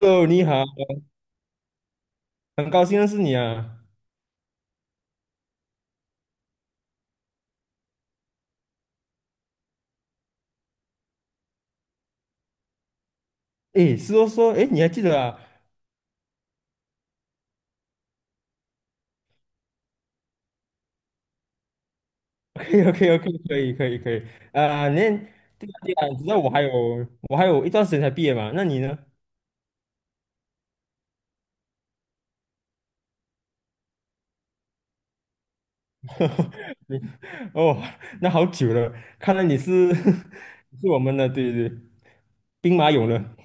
哦，你好，很高兴认识你啊。诶，是说，诶，你还记得啊？OK，OK，OK，可以，可以，可以。啊，那对啊，对啊，你知道我还有一段时间才毕业嘛？那你呢？你哦，那好久了，看来你是 是我们的，对对对，兵马俑了。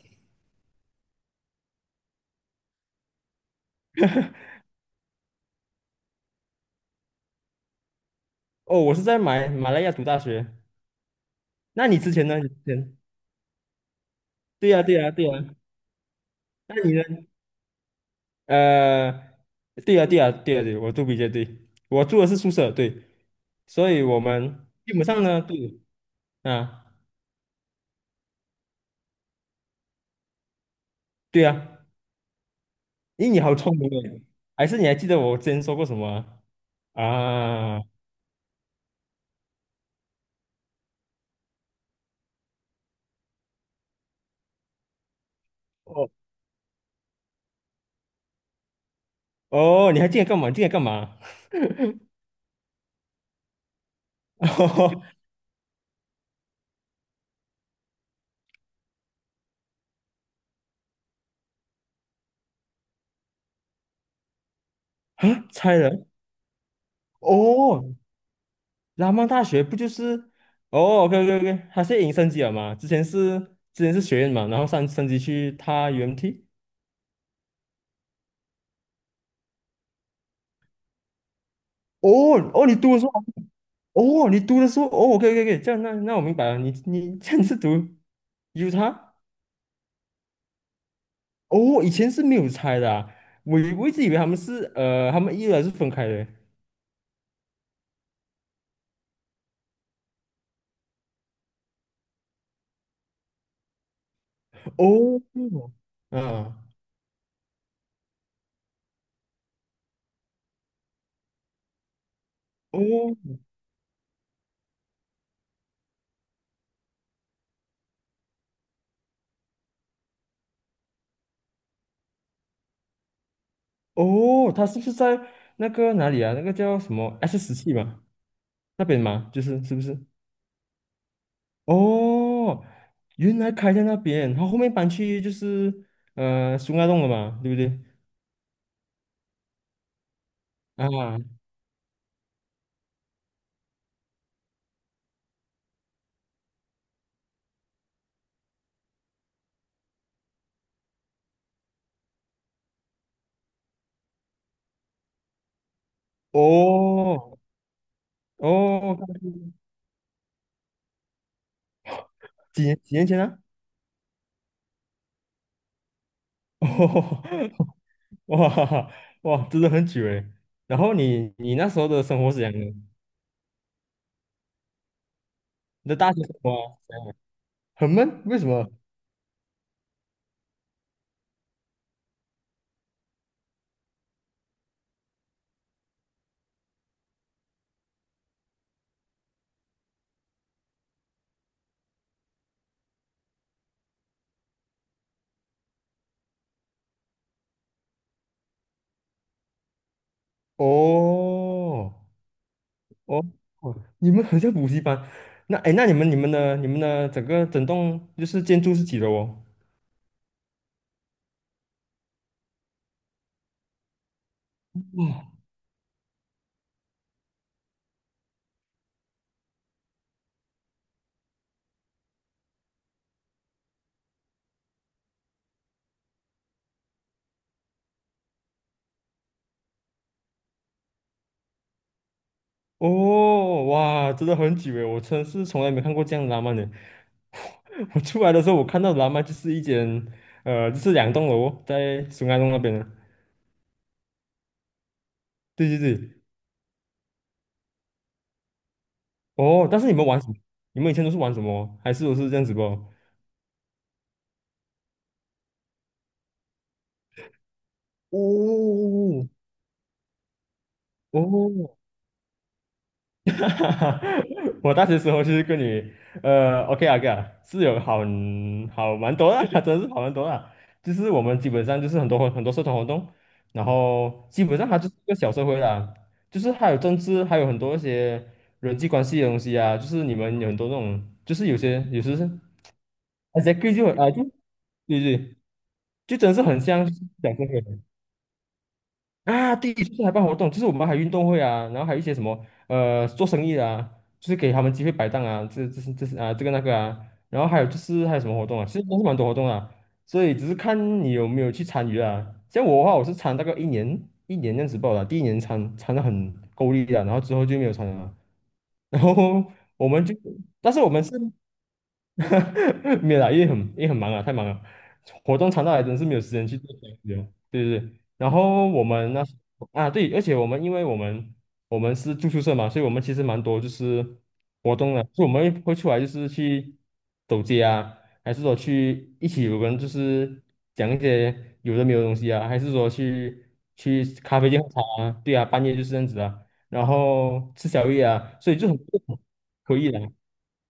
哦，我是在马来亚读大学。那你之前呢？你之前？对呀，对呀，对呀。那你呢？呃，对啊，对啊，对啊，对，我住比较对，我住的是宿舍，对，所以我们基本上呢，对啊，对啊，咦，你好聪明诶，还是你还记得我之前说过什么啊？啊哦哦，你还记得干嘛？你记得干嘛？啊，猜了哦，拉曼大学不就是哦？OK OK OK，它是已经升级了嘛？之前是学院嘛，然后上升级去它 UMT。哦哦，你读的时候。哦，OK，OK，OK，这样那我明白了，你 这样是读有 t 哦，以前是没有拆的啊，我一直以为他们是呃，他们依然是分开的。哦，嗯，哦哦，他是不是在那个哪里啊？那个叫什么 S 十七嘛？那边嘛，就是是不是？哦，原来开在那边，他后面搬去就是呃苏家洞了嘛，对不对？啊，哦哦，几年前啊？哦，哇哇，真的很久诶。然后你那时候的生活是怎样的？你的大学生活啊很闷，为什么？哦哦哦，你们很像补习班。那哎，诶那你们的整栋就是建筑是几楼哦？哦，哇，真的很久诶，我真是从来没看过这样的拉曼的。我出来的时候，我看到的拉曼就是一间呃，就是两栋楼哦在 SUN 洞那边的。对对对，哦，但是你们玩什么？你们以前都是玩什么？还是都是这样子不？哦，哦，哈哈哈我大学时候就是跟你，呃，OK 啊，OK 啊是好蛮多的，真的是好蛮多的。就是我们基本上就是很多很多社团活动，然后基本上它就是一个小社会啦，就是还有政治，还有很多一些人际关系的东西啊。就是你们有很多那种，就是有些有时是而且就啊就对对，就真的是很像讲社会。啊，第一次还办活动就是我们还运动会啊，然后还有一些什么呃做生意的啊，就是给他们机会摆档啊，这是啊这个那个啊，然后还有就是还有什么活动啊，其实都是蛮多活动啊，所以只是看你有没有去参与啊。像我的话，我是参大概一年一年这样子报的啊，第一年参的很够力啊，然后之后就没有参了啊，然后我们就，但是我们是。没有啦，因为很也很忙啊，太忙了，活动长到来，真是没有时间去做这些东西哦对对对，然后我们那时啊对，而且我们因为我们我们是住宿舍嘛，所以我们其实蛮多就是活动的，就我们会出来就是去走街啊，还是说去一起有人就是讲一些有的没有的东西啊，还是说去咖啡店喝茶啊，对啊，半夜就是这样子啊，然后吃宵夜啊，所以就很可以的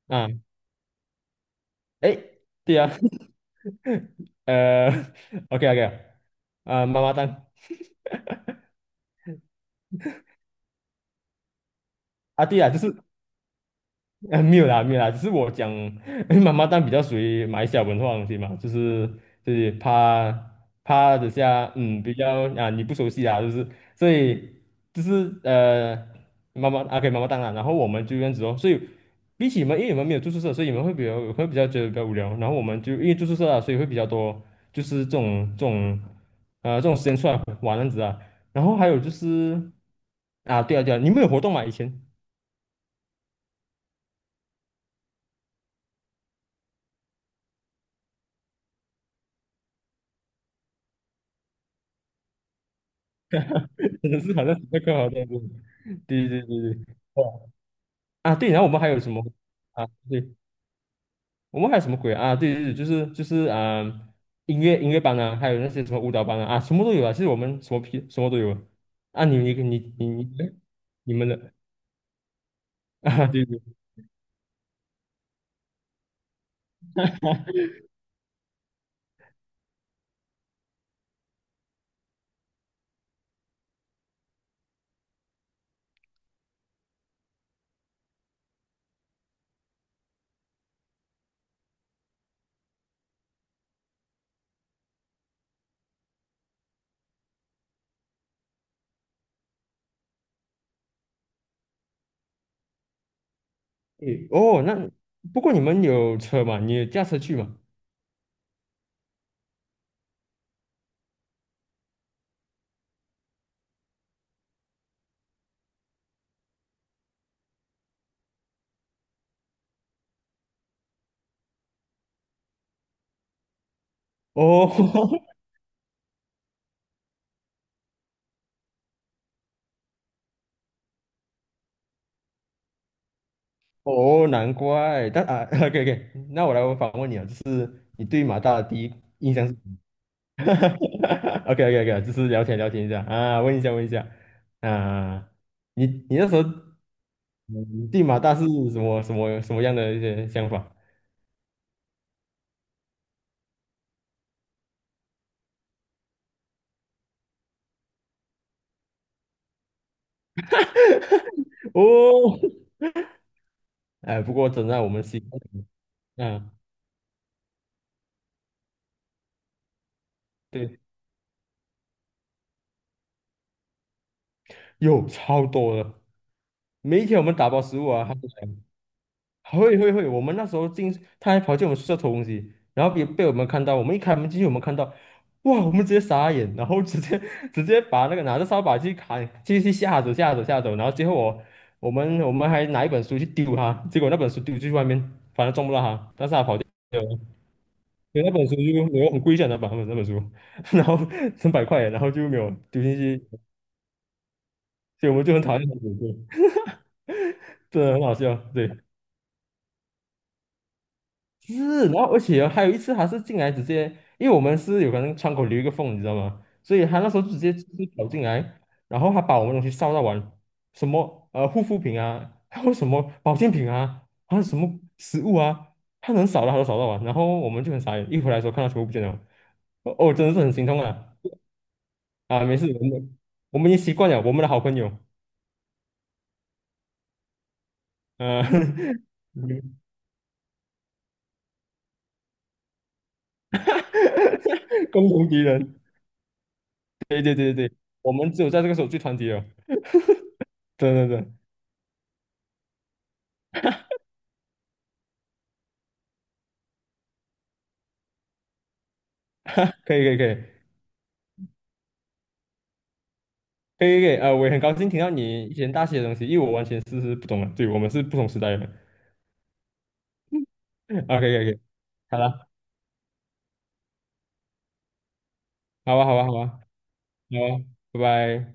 啊。哎，对啊，呃，OK OK，啊、妈妈蛋，啊，对啊，就是呃，没有啦，没有啦，只是我讲，妈妈蛋比较属于买小文化的东西嘛，就是怕等下，嗯，比较啊你不熟悉啊，就是所以就是呃，妈妈啊给妈妈蛋啊，然后我们就这样子哦，所以比起你们，因为你们没有住宿舍，所以你们会比较会比较觉得比较无聊，然后我们就因为住宿舍啊，所以会比较多就是这种时间出来玩这样子啊，然后还有就是啊对啊对啊，你们有活动吗以前？真的是好像是在干嘛这样子对对对对，哦啊对，然后我们还有什么啊？对，我们还有什么鬼啊？啊对对对，就是就是啊、呃音乐班啊，还有那些什么舞蹈班啊，啊，什么都有啊。其实我们什么屁什么都有啊。啊你你你你你你们的 啊，对对对，哦，那不过你们有车嘛？你有驾车去嘛？哦 哦，难怪。但啊 ，OK OK，那我来我反问你啊，就是你对马大的第一印象是？哈哈哈 OK OK OK，就是聊天聊天一下啊，问一下问一下啊，你你那时候嗯对马大是什么什么什么样的一些想法？哦，哎，不过真的我们西啊，嗯对，有超多的，每一天我们打包食物啊，他都会会会，我们那时候进，他还跑进我们宿舍偷东西，然后被我们看到，我们一开门进去，我们看到，哇，我们直接傻眼，然后直接 直接把那个拿着扫把去砍，去吓走吓走吓走，然后最后我们还拿一本书去丢他，结果那本书丢出去外面，反正撞不到他，但是他跑掉了，所以那本书就没有很贵价那本书，然后成百块，然后就没有丢进去，所以我们就很讨厌那本书，真的很好笑，对。是，然后而且哦还有一次，他是进来直接，因为我们是有可能窗口留一个缝，你知道吗？所以他那时候就直接就是跑进来，然后他把我们东西烧到完，什么呃护肤品啊，还有什么保健品啊，还有什么食物啊，他能扫的他都扫到完，然后我们就很傻眼，一回来的时候看到全部不见了，哦，哦真的是很心痛啊！啊，没事，我们我们已经习惯了，我们的好朋友，呃，共同敌人，对对对对对，我们只有在这个时候最团结了，对对对，可以可以可以。可以可以，呃，我也很高兴听到你以前大学的东西，因为我完全是不懂的，对，我们是不同时代的人。OK OK OK，好了，好吧好吧好吧，好啊，拜拜。